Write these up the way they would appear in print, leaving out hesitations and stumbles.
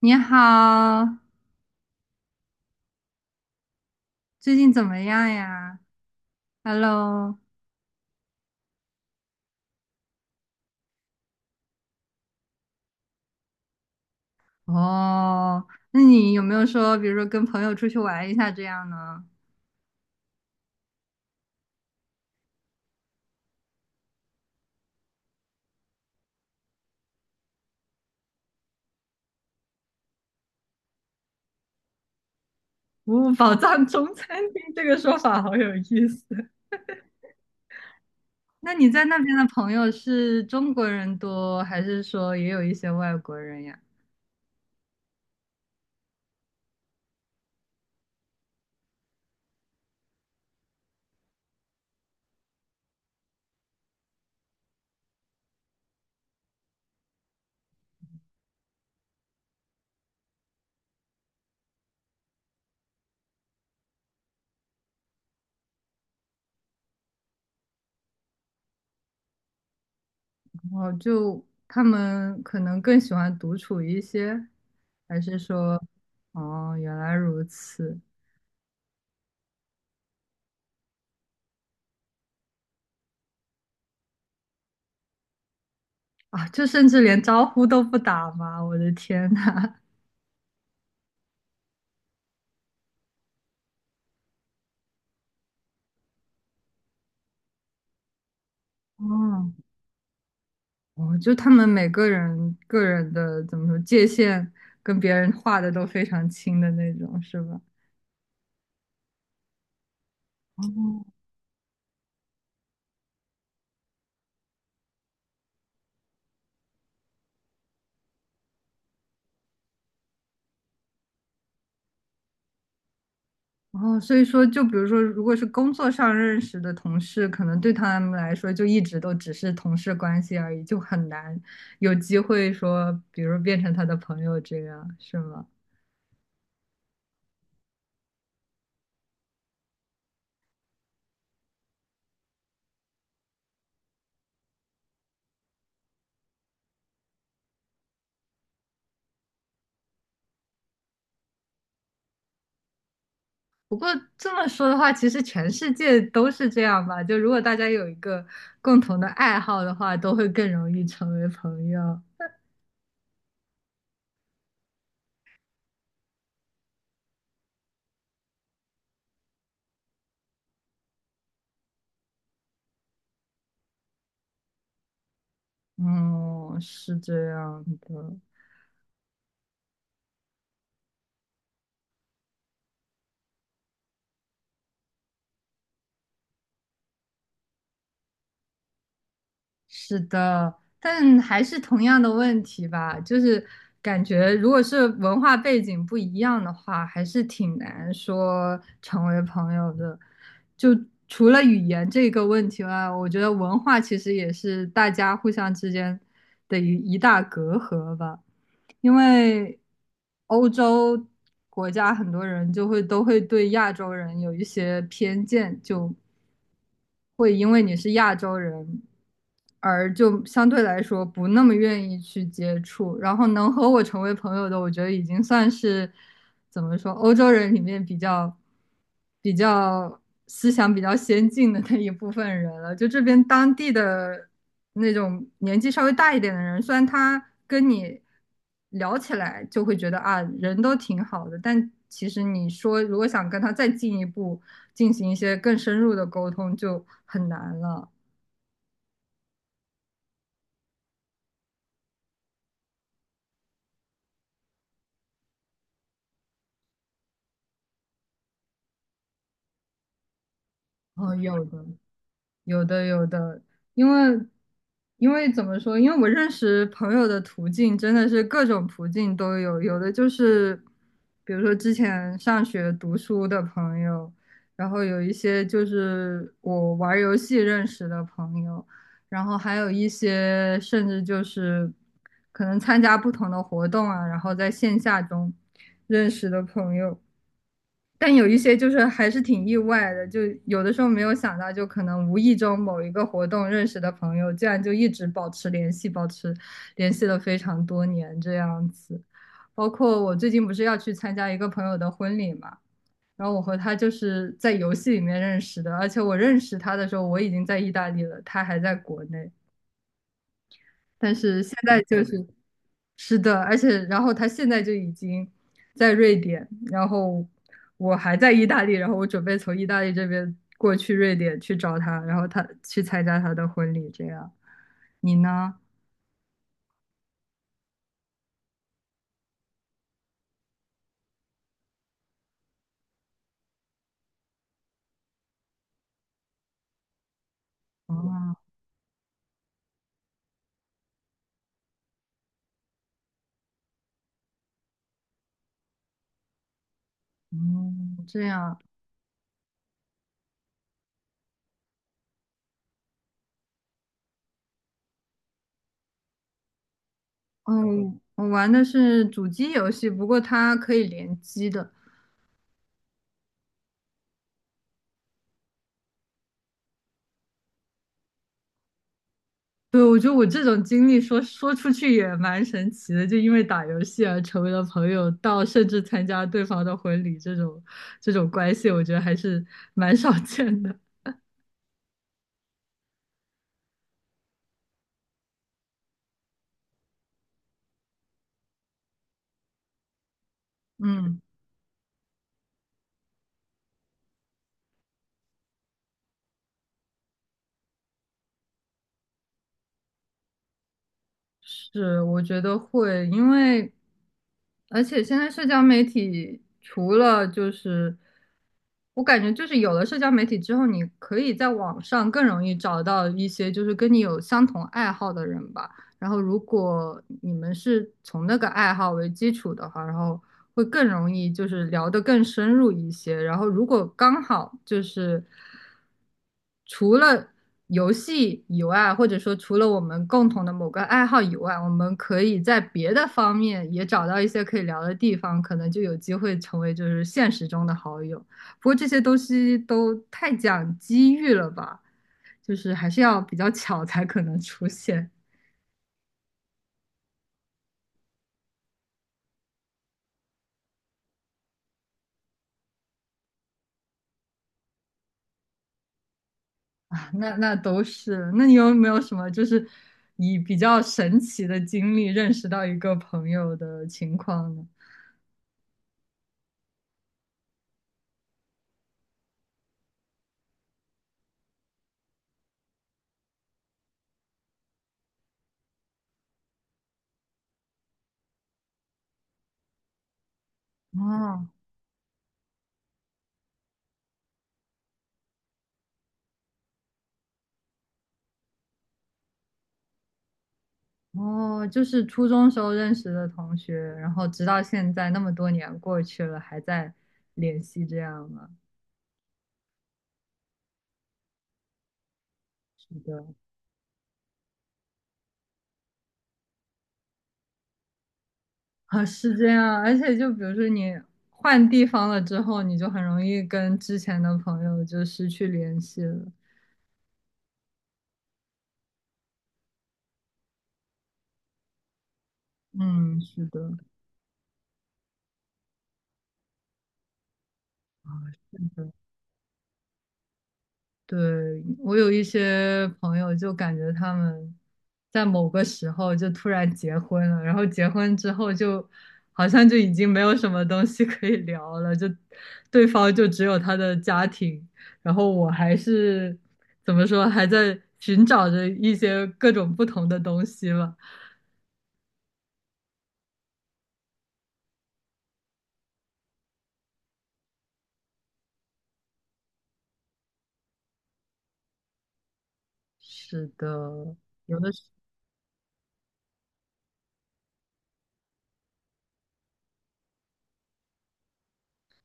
你好，最近怎么样呀？Hello，哦，那你有没有说，比如说跟朋友出去玩一下这样呢？哦，宝藏中餐厅这个说法好有意思。那你在那边的朋友是中国人多，还是说也有一些外国人呀？哦，就他们可能更喜欢独处一些，还是说，哦，原来如此啊，就甚至连招呼都不打吗？我的天呐！哦，哦，就他们每个人个人的怎么说界限跟别人画的都非常清的那种，是吧？哦，哦，所以说，就比如说，如果是工作上认识的同事，可能对他们来说就一直都只是同事关系而已，就很难有机会说，比如变成他的朋友这样，是吗？不过这么说的话，其实全世界都是这样吧。就如果大家有一个共同的爱好的话，都会更容易成为朋友。哦，是这样的，是的，但还是同样的问题吧，就是感觉如果是文化背景不一样的话，还是挺难说成为朋友的。就除了语言这个问题外，我觉得文化其实也是大家互相之间的一大隔阂吧。因为欧洲国家很多人就会都会对亚洲人有一些偏见，就会因为你是亚洲人，而就相对来说不那么愿意去接触。然后能和我成为朋友的，我觉得已经算是怎么说，欧洲人里面比较。比较思想比较先进的那一部分人了。就这边当地的那种年纪稍微大一点的人，虽然他跟你聊起来就会觉得啊，人都挺好的，但其实你说如果想跟他再进一步进行一些更深入的沟通，就很难了。哦，有的，有的有的，因为因为怎么说？因为我认识朋友的途径真的是各种途径都有，有的就是比如说之前上学读书的朋友，然后有一些就是我玩儿游戏认识的朋友，然后还有一些甚至就是可能参加不同的活动啊，然后在线下中认识的朋友。但有一些就是还是挺意外的，就有的时候没有想到，就可能无意中某一个活动认识的朋友，竟然就一直保持联系，保持联系了非常多年这样子。包括我最近不是要去参加一个朋友的婚礼嘛，然后我和他就是在游戏里面认识的，而且我认识他的时候我已经在意大利了，他还在国内，但是现在就是，是的，而且然后他现在就已经在瑞典，然后我还在意大利，然后我准备从意大利这边过去瑞典去找他，然后他去参加他的婚礼，这样。你呢？哦，嗯，这样，哦，我玩的是主机游戏，不过它可以联机的。对，我觉得我这种经历说说出去也蛮神奇的，就因为打游戏而成为了朋友，到甚至参加对方的婚礼这种关系，我觉得还是蛮少见的。嗯，是，我觉得会，因为而且现在社交媒体除了就是，我感觉就是有了社交媒体之后，你可以在网上更容易找到一些就是跟你有相同爱好的人吧。然后如果你们是从那个爱好为基础的话，然后会更容易就是聊得更深入一些。然后如果刚好就是除了游戏以外，或者说除了我们共同的某个爱好以外，我们可以在别的方面也找到一些可以聊的地方，可能就有机会成为就是现实中的好友。不过这些东西都太讲机遇了吧，就是还是要比较巧才可能出现。啊，那都是。那你有没有什么就是以比较神奇的经历认识到一个朋友的情况呢？哦哦，就是初中时候认识的同学，然后直到现在那么多年过去了，还在联系这样吗？是的，啊，是这样。而且就比如说你换地方了之后，你就很容易跟之前的朋友就失去联系了。嗯，是的。对，我有一些朋友就感觉他们在某个时候就突然结婚了，然后结婚之后就好像就已经没有什么东西可以聊了，就对方就只有他的家庭，然后我还是怎么说，还在寻找着一些各种不同的东西吧。是的，有的时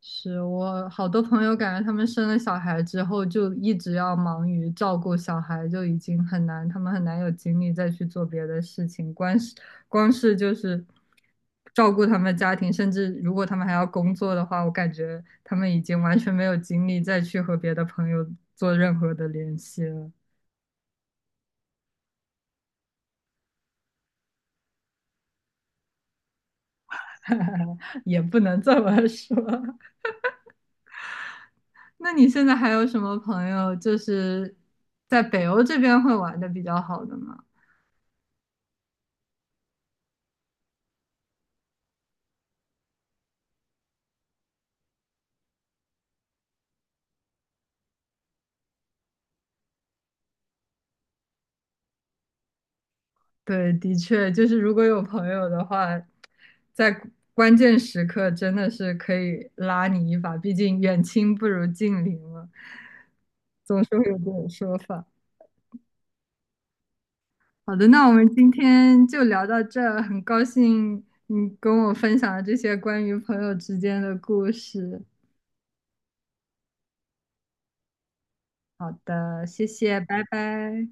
是我好多朋友感觉他们生了小孩之后就一直要忙于照顾小孩，就已经很难，他们很难有精力再去做别的事情。光是就是照顾他们家庭，甚至如果他们还要工作的话，我感觉他们已经完全没有精力再去和别的朋友做任何的联系了。也不能这么说。那你现在还有什么朋友就是在北欧这边会玩的比较好的吗？对，的确，就是如果有朋友的话，在关键时刻真的是可以拉你一把，毕竟远亲不如近邻嘛，总是会有这种说法。好的，那我们今天就聊到这儿，很高兴你跟我分享了这些关于朋友之间的故事。好的，谢谢，拜拜。